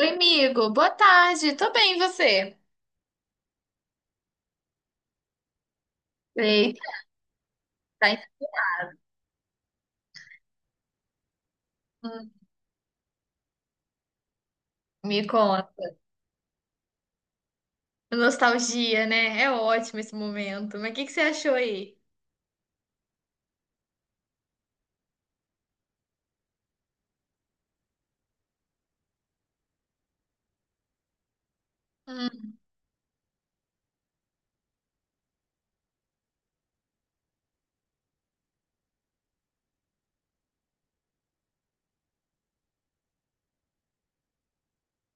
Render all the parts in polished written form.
Oi, amigo. Boa tarde. Tô bem, e você? Ei, tá, hum. Me conta. Nostalgia, né? É ótimo esse momento. Mas o que que você achou aí? Hum,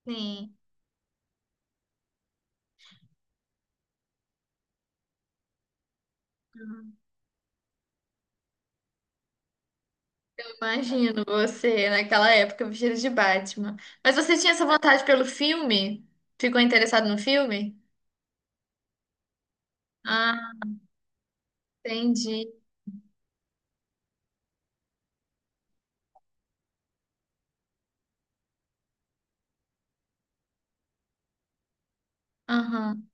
sim. Imagino você naquela época vestido de Batman. Mas você tinha essa vontade pelo filme? Ficou interessado no filme? Ah, entendi. Aham.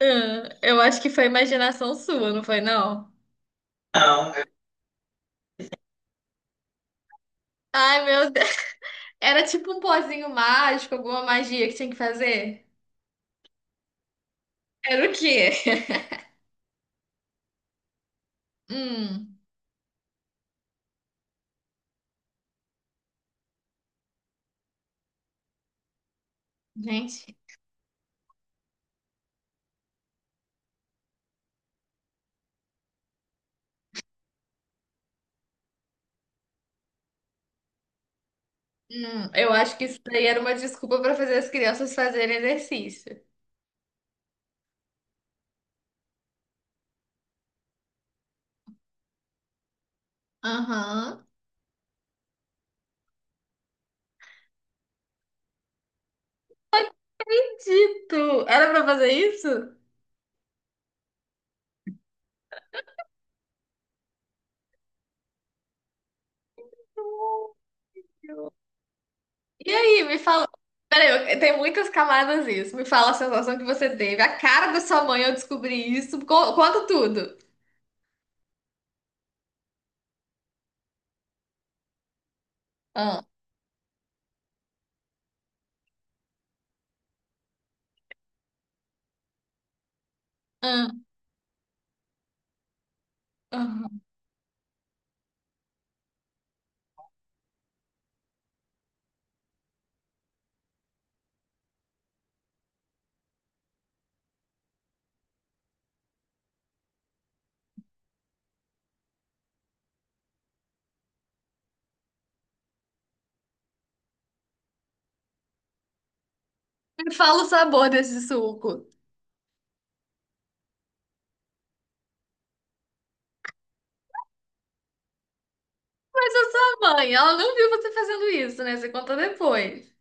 Ah, eu acho que foi imaginação sua, não foi, não? Ai, meu Deus. Era tipo um pozinho mágico, alguma magia que tinha que fazer? Era o quê? Hum, gente, eu acho que isso daí era uma desculpa para fazer as crianças fazerem exercício. Aham. Dito, era para fazer isso? E aí, me fala. Peraí, tem muitas camadas isso. Me fala a sensação que você teve. A cara da sua mãe ao descobrir isso. Conta tudo. Ah, ah, ah. Me fala o sabor desse suco. Mas a sua mãe, ela não viu você fazendo isso, né? Você conta depois.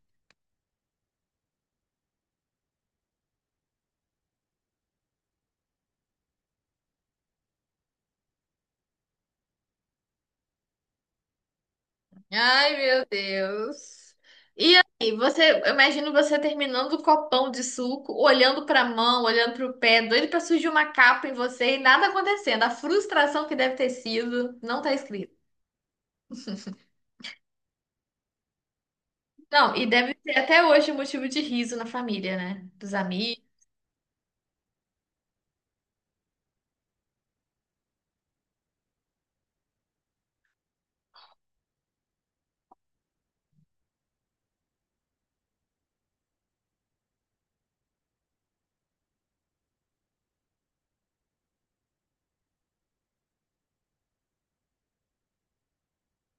Ai, meu Deus. E aí, você, eu imagino você terminando o copão de suco, olhando pra mão, olhando pro pé, doido pra surgir uma capa em você e nada acontecendo. A frustração que deve ter sido, não tá escrito. Não, e deve ser até hoje um motivo de riso na família, né? Dos amigos.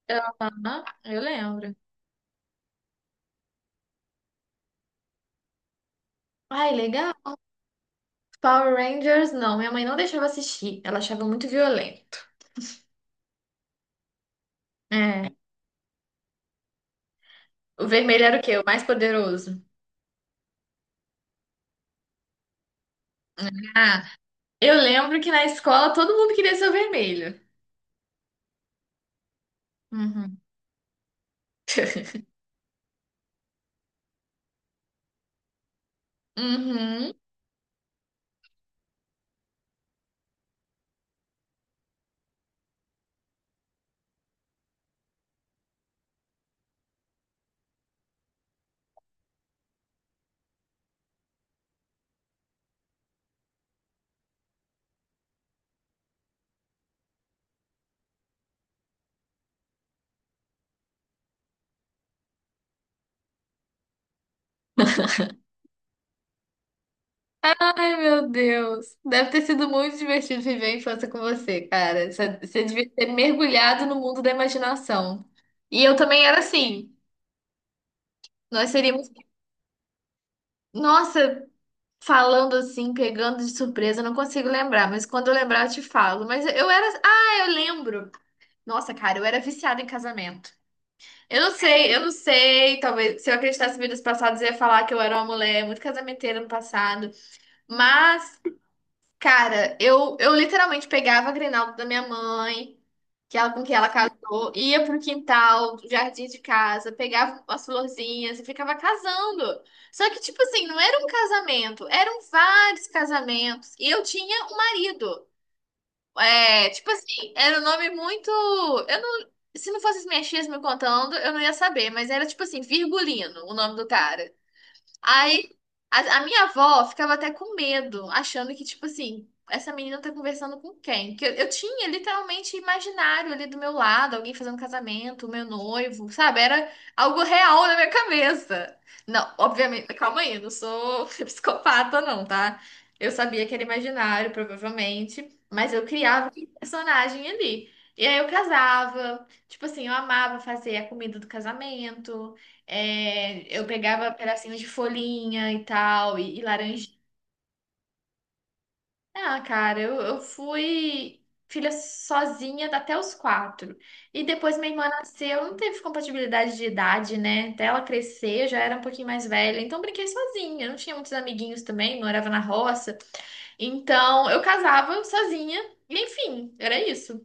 Aham, eu lembro. Ai, legal. Power Rangers, não. Minha mãe não deixava assistir. Ela achava muito violento. É. O vermelho era o quê? O mais poderoso. Ah, eu lembro que na escola todo mundo queria ser o vermelho. Uhum. Uhum. Ai, meu Deus. Deve ter sido muito divertido viver a infância com você, cara. Você devia ter mergulhado no mundo da imaginação. E eu também era assim. Nós seríamos. Nossa, falando assim, pegando de surpresa, eu não consigo lembrar, mas quando eu lembrar eu te falo. Mas eu era. Ah, eu lembro. Nossa, cara, eu era viciada em casamento. Eu não sei, eu não sei. Talvez se eu acreditasse em vidas passadas, eu ia falar que eu era uma mulher muito casamenteira no passado. Mas, cara, eu literalmente pegava a Grinalda da minha mãe, que ela, com quem ela casou, ia pro quintal, pro jardim de casa, pegava as florzinhas e ficava casando. Só que, tipo assim, não era um casamento, eram vários casamentos. E eu tinha um marido. É, tipo assim, era um nome muito. Eu não. Se não fosse as minhas tias me contando, eu não ia saber, mas era tipo assim, Virgulino, o nome do cara. Aí a minha avó ficava até com medo, achando que, tipo assim, essa menina tá conversando com quem? Porque eu tinha literalmente imaginário ali do meu lado, alguém fazendo casamento, o meu noivo, sabe? Era algo real na minha cabeça. Não, obviamente, calma aí, eu não sou psicopata, não, tá? Eu sabia que era imaginário, provavelmente, mas eu criava aquele personagem ali. E aí eu casava, tipo assim, eu amava fazer a comida do casamento. É, eu pegava pedacinhos de folhinha e tal, e laranja. Ah, cara, eu fui filha sozinha até os quatro. E depois minha irmã nasceu, não teve compatibilidade de idade, né? Até ela crescer, eu já era um pouquinho mais velha. Então, eu brinquei sozinha. Não tinha muitos amiguinhos também, morava na roça. Então, eu casava sozinha. E, enfim, era isso.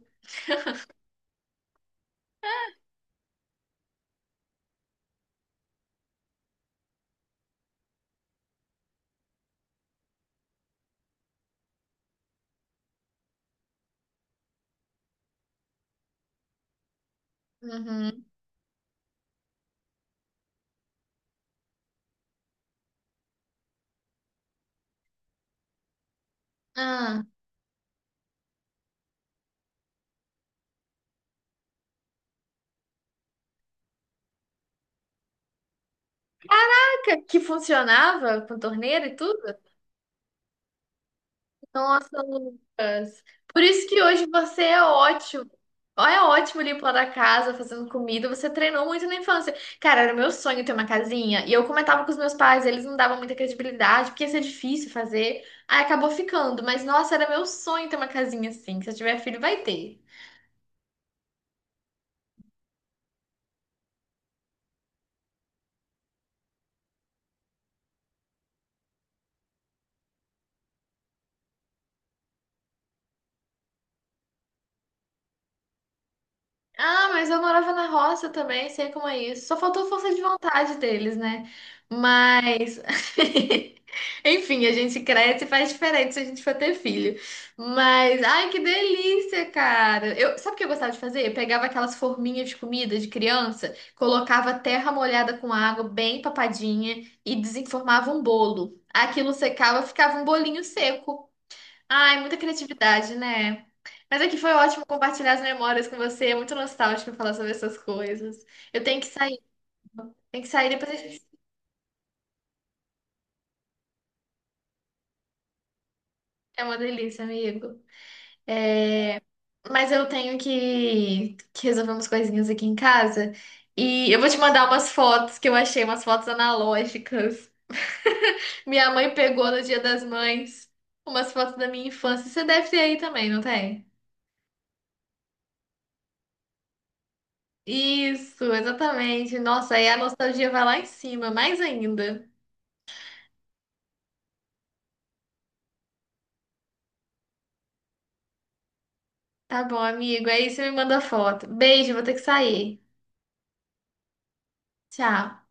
Uhum. Ah, que funcionava com torneira e tudo? Nossa, Lucas. Por isso que hoje você é ótimo. Ó, é ótimo limpando a casa, fazendo comida. Você treinou muito na infância. Cara, era meu sonho ter uma casinha. E eu comentava com os meus pais, eles não davam muita credibilidade, porque ia ser difícil fazer. Aí acabou ficando. Mas, nossa, era meu sonho ter uma casinha assim. Se eu tiver filho, vai ter. Ah, mas eu morava na roça também, sei como é isso. Só faltou força de vontade deles, né? Mas. Enfim, a gente cresce e faz diferente se a gente for ter filho. Mas, ai, que delícia, cara. Eu, sabe o que eu gostava de fazer? Eu pegava aquelas forminhas de comida de criança, colocava terra molhada com água, bem papadinha, e desenformava um bolo. Aquilo secava, ficava um bolinho seco. Ai, muita criatividade, né? Mas aqui foi ótimo compartilhar as memórias com você. É muito nostálgico falar sobre essas coisas. Eu tenho que sair depois a gente. É uma delícia, amigo. Mas eu tenho que resolver umas coisinhas aqui em casa. E eu vou te mandar umas fotos que eu achei, umas fotos analógicas. Minha mãe pegou no Dia das Mães umas fotos da minha infância. Você deve ter aí também, não tem? Isso, exatamente. Nossa, aí a nostalgia vai lá em cima, mais ainda. Tá bom, amigo. Aí você me manda foto. Beijo, vou ter que sair. Tchau.